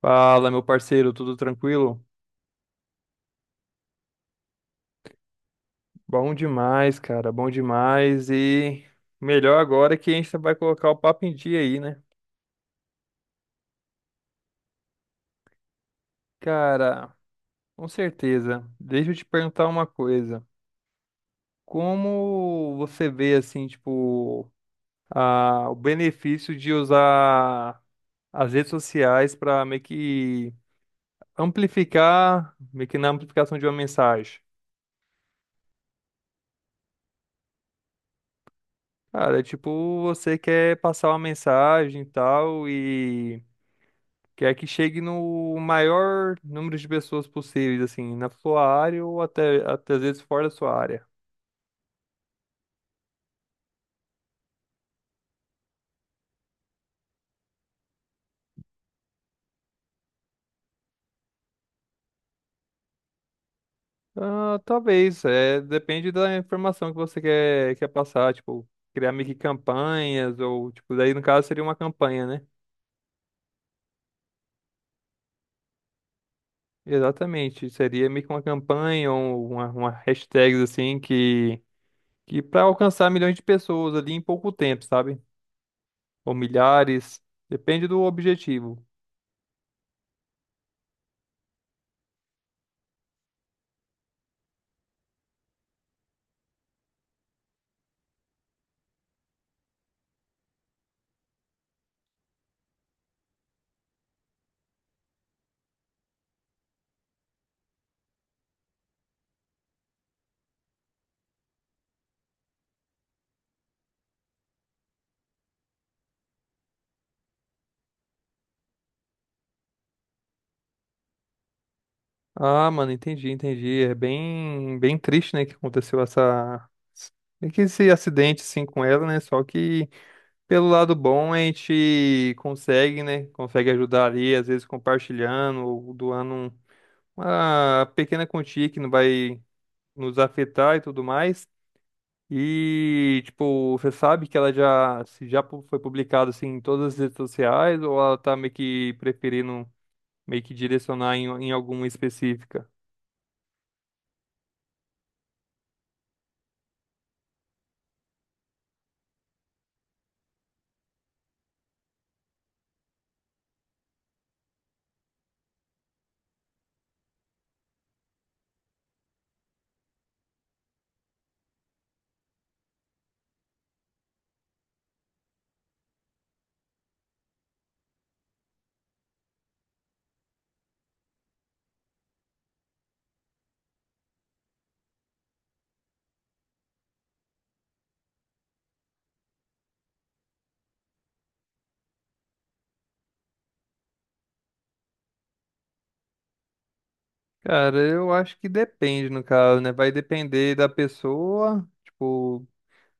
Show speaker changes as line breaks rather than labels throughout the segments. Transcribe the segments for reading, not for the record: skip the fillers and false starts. Fala, meu parceiro, tudo tranquilo? Bom demais, cara, bom demais. E melhor agora que a gente vai colocar o papo em dia aí, né? Cara, com certeza. Deixa eu te perguntar uma coisa. Como você vê, assim, tipo, o benefício de usar as redes sociais para meio que amplificar, meio que na amplificação de uma mensagem? Cara, é tipo, você quer passar uma mensagem e tal e que é que chegue no maior número de pessoas possíveis, assim, na sua área ou até às vezes fora da sua área. Ah, talvez, é, depende da informação que você quer passar, tipo, criar meio que campanhas, ou, tipo, daí no caso seria uma campanha, né? Exatamente, seria meio que uma campanha ou uma hashtag, assim, que para alcançar milhões de pessoas ali em pouco tempo, sabe? Ou milhares, depende do objetivo. Ah, mano, entendi, entendi. É bem, bem triste, né, que aconteceu essa, meio que esse acidente, assim, com ela, né? Só que pelo lado bom a gente consegue, né? Consegue ajudar ali, às vezes compartilhando ou doando uma pequena quantia que não vai nos afetar e tudo mais. E, tipo, você sabe que ela já, se foi publicada, assim, em todas as redes sociais ou ela tá meio que preferindo meio que direcionar em alguma específica? Cara, eu acho que depende, no caso, né? Vai depender da pessoa. Tipo,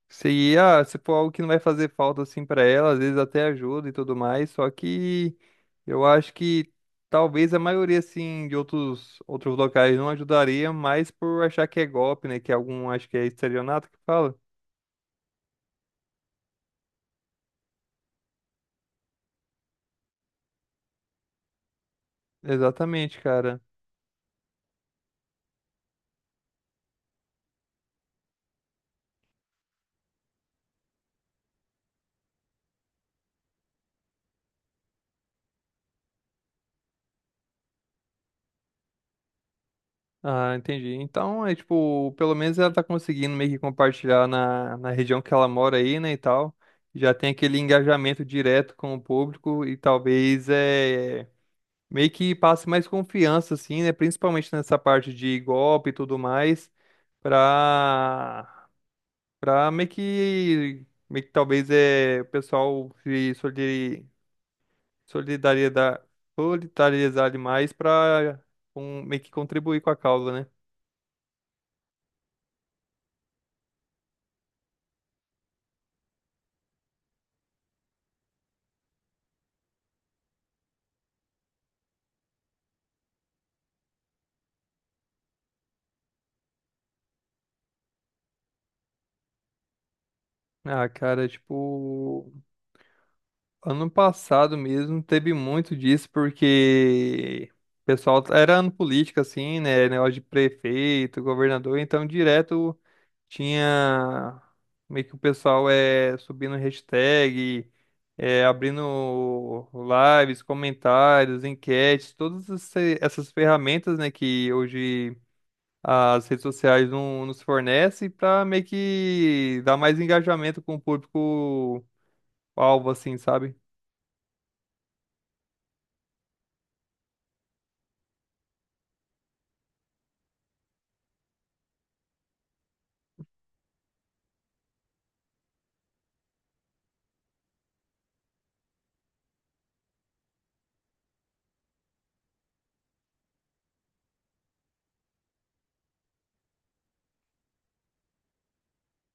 se, ah, se for algo que não vai fazer falta assim pra ela, às vezes até ajuda e tudo mais. Só que eu acho que talvez a maioria, assim, de outros locais não ajudaria, mais por achar que é golpe, né? Que é algum, acho que é estelionato que fala. Exatamente, cara. Ah, entendi. Então, é tipo, pelo menos ela tá conseguindo meio que compartilhar na região que ela mora aí, né, e tal. Já tem aquele engajamento direto com o público e talvez é meio que passe mais confiança, assim, né, principalmente nessa parte de golpe e tudo mais, pra, pra meio que talvez é o pessoal se solidari- solidaridar, solidarizar demais pra um, meio que contribuir com a causa, né? Ah, cara, tipo, ano passado mesmo teve muito disso, porque o pessoal era ano político, assim, né? Negócio de prefeito, governador, então direto tinha meio que o pessoal é subindo hashtag, é, abrindo lives, comentários, enquetes, todas essas ferramentas, né, que hoje as redes sociais não nos fornecem para meio que dar mais engajamento com o público o alvo, assim, sabe?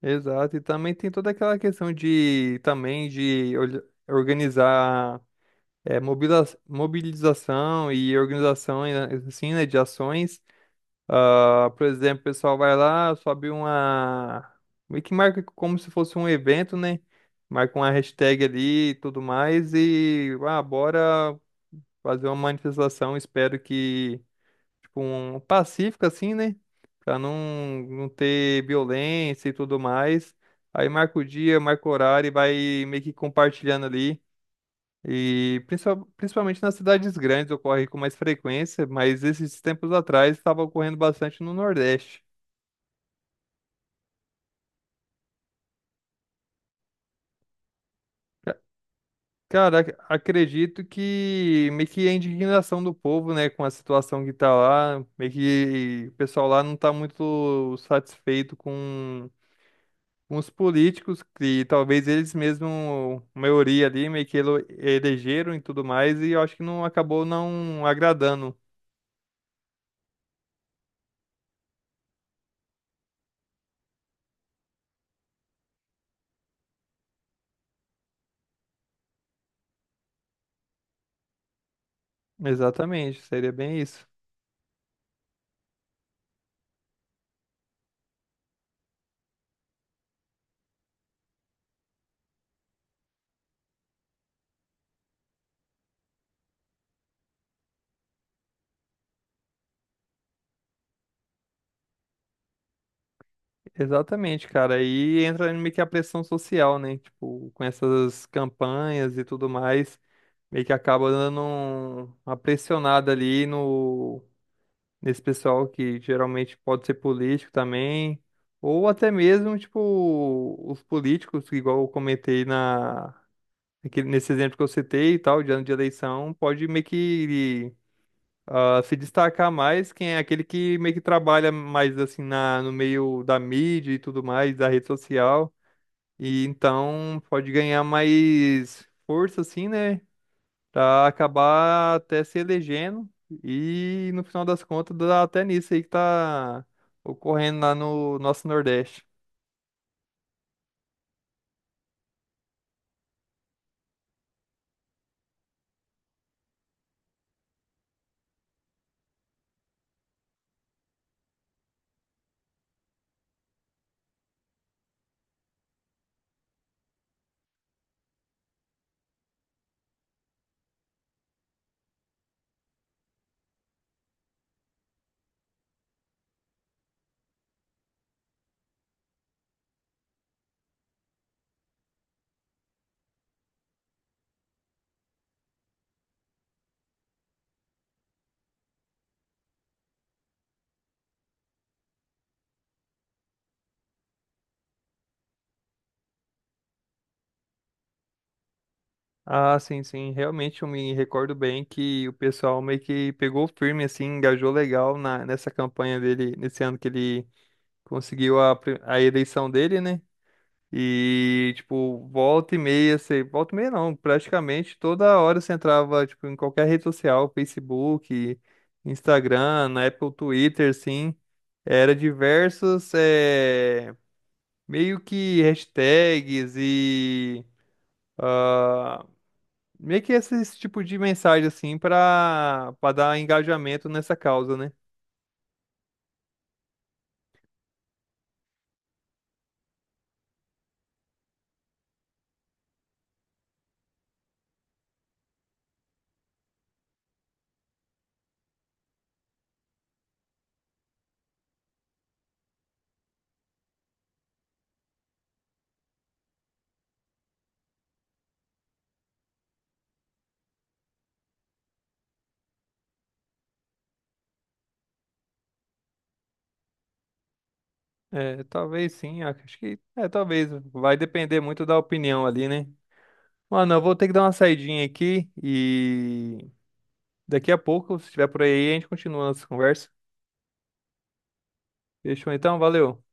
Exato. E também tem toda aquela questão de também de organizar é, mobilização e organização né, assim, né, de ações. Ah, por exemplo, o pessoal vai lá, sobe uma. Meio que marca como se fosse um evento, né? Marca uma hashtag ali e tudo mais. E ah, bora fazer uma manifestação. Espero que. Tipo, um pacífico assim, né? Pra não, não ter violência e tudo mais. Aí marca o dia, marca o horário e vai meio que compartilhando ali. E principalmente nas cidades grandes ocorre com mais frequência, mas esses tempos atrás estava ocorrendo bastante no Nordeste. Ca- Cara, acredito que meio que a indignação do povo, né, com a situação que tá lá, meio que o pessoal lá não tá muito satisfeito com uns políticos que talvez eles mesmo, a maioria ali, meio que elegeram e tudo mais, e eu acho que não acabou não agradando. Exatamente, seria bem isso. Exatamente, cara. Aí entra meio que a pressão social, né? Tipo, com essas campanhas e tudo mais, meio que acaba dando uma pressionada ali no nesse pessoal que geralmente pode ser político também, ou até mesmo, tipo, os políticos, igual eu comentei na nesse exemplo que eu citei e tal, de ano de eleição, pode meio que ah, se destacar mais quem é aquele que meio que trabalha mais assim no meio da mídia e tudo mais, da rede social, e então pode ganhar mais força assim, né, pra acabar até se elegendo e no final das contas dá até nisso aí que tá ocorrendo lá no nosso Nordeste. Ah, sim, sim. Realmente eu me recordo bem que o pessoal meio que pegou firme, assim, engajou legal nessa campanha dele, nesse ano que ele conseguiu a eleição dele, né? E, tipo, volta e meia, você, volta e meia não, praticamente toda hora você entrava, tipo, em qualquer rede social, Facebook, Instagram, na época o Twitter, assim, era diversos, eh, meio que hashtags e... ah, meio que esse tipo de mensagem, assim, pra dar engajamento nessa causa, né? É, talvez sim, acho que. É, talvez. Vai depender muito da opinião ali, né? Mano, eu vou ter que dar uma saidinha aqui e daqui a pouco, se estiver por aí, a gente continua a nossa conversa. Fechou então? Valeu.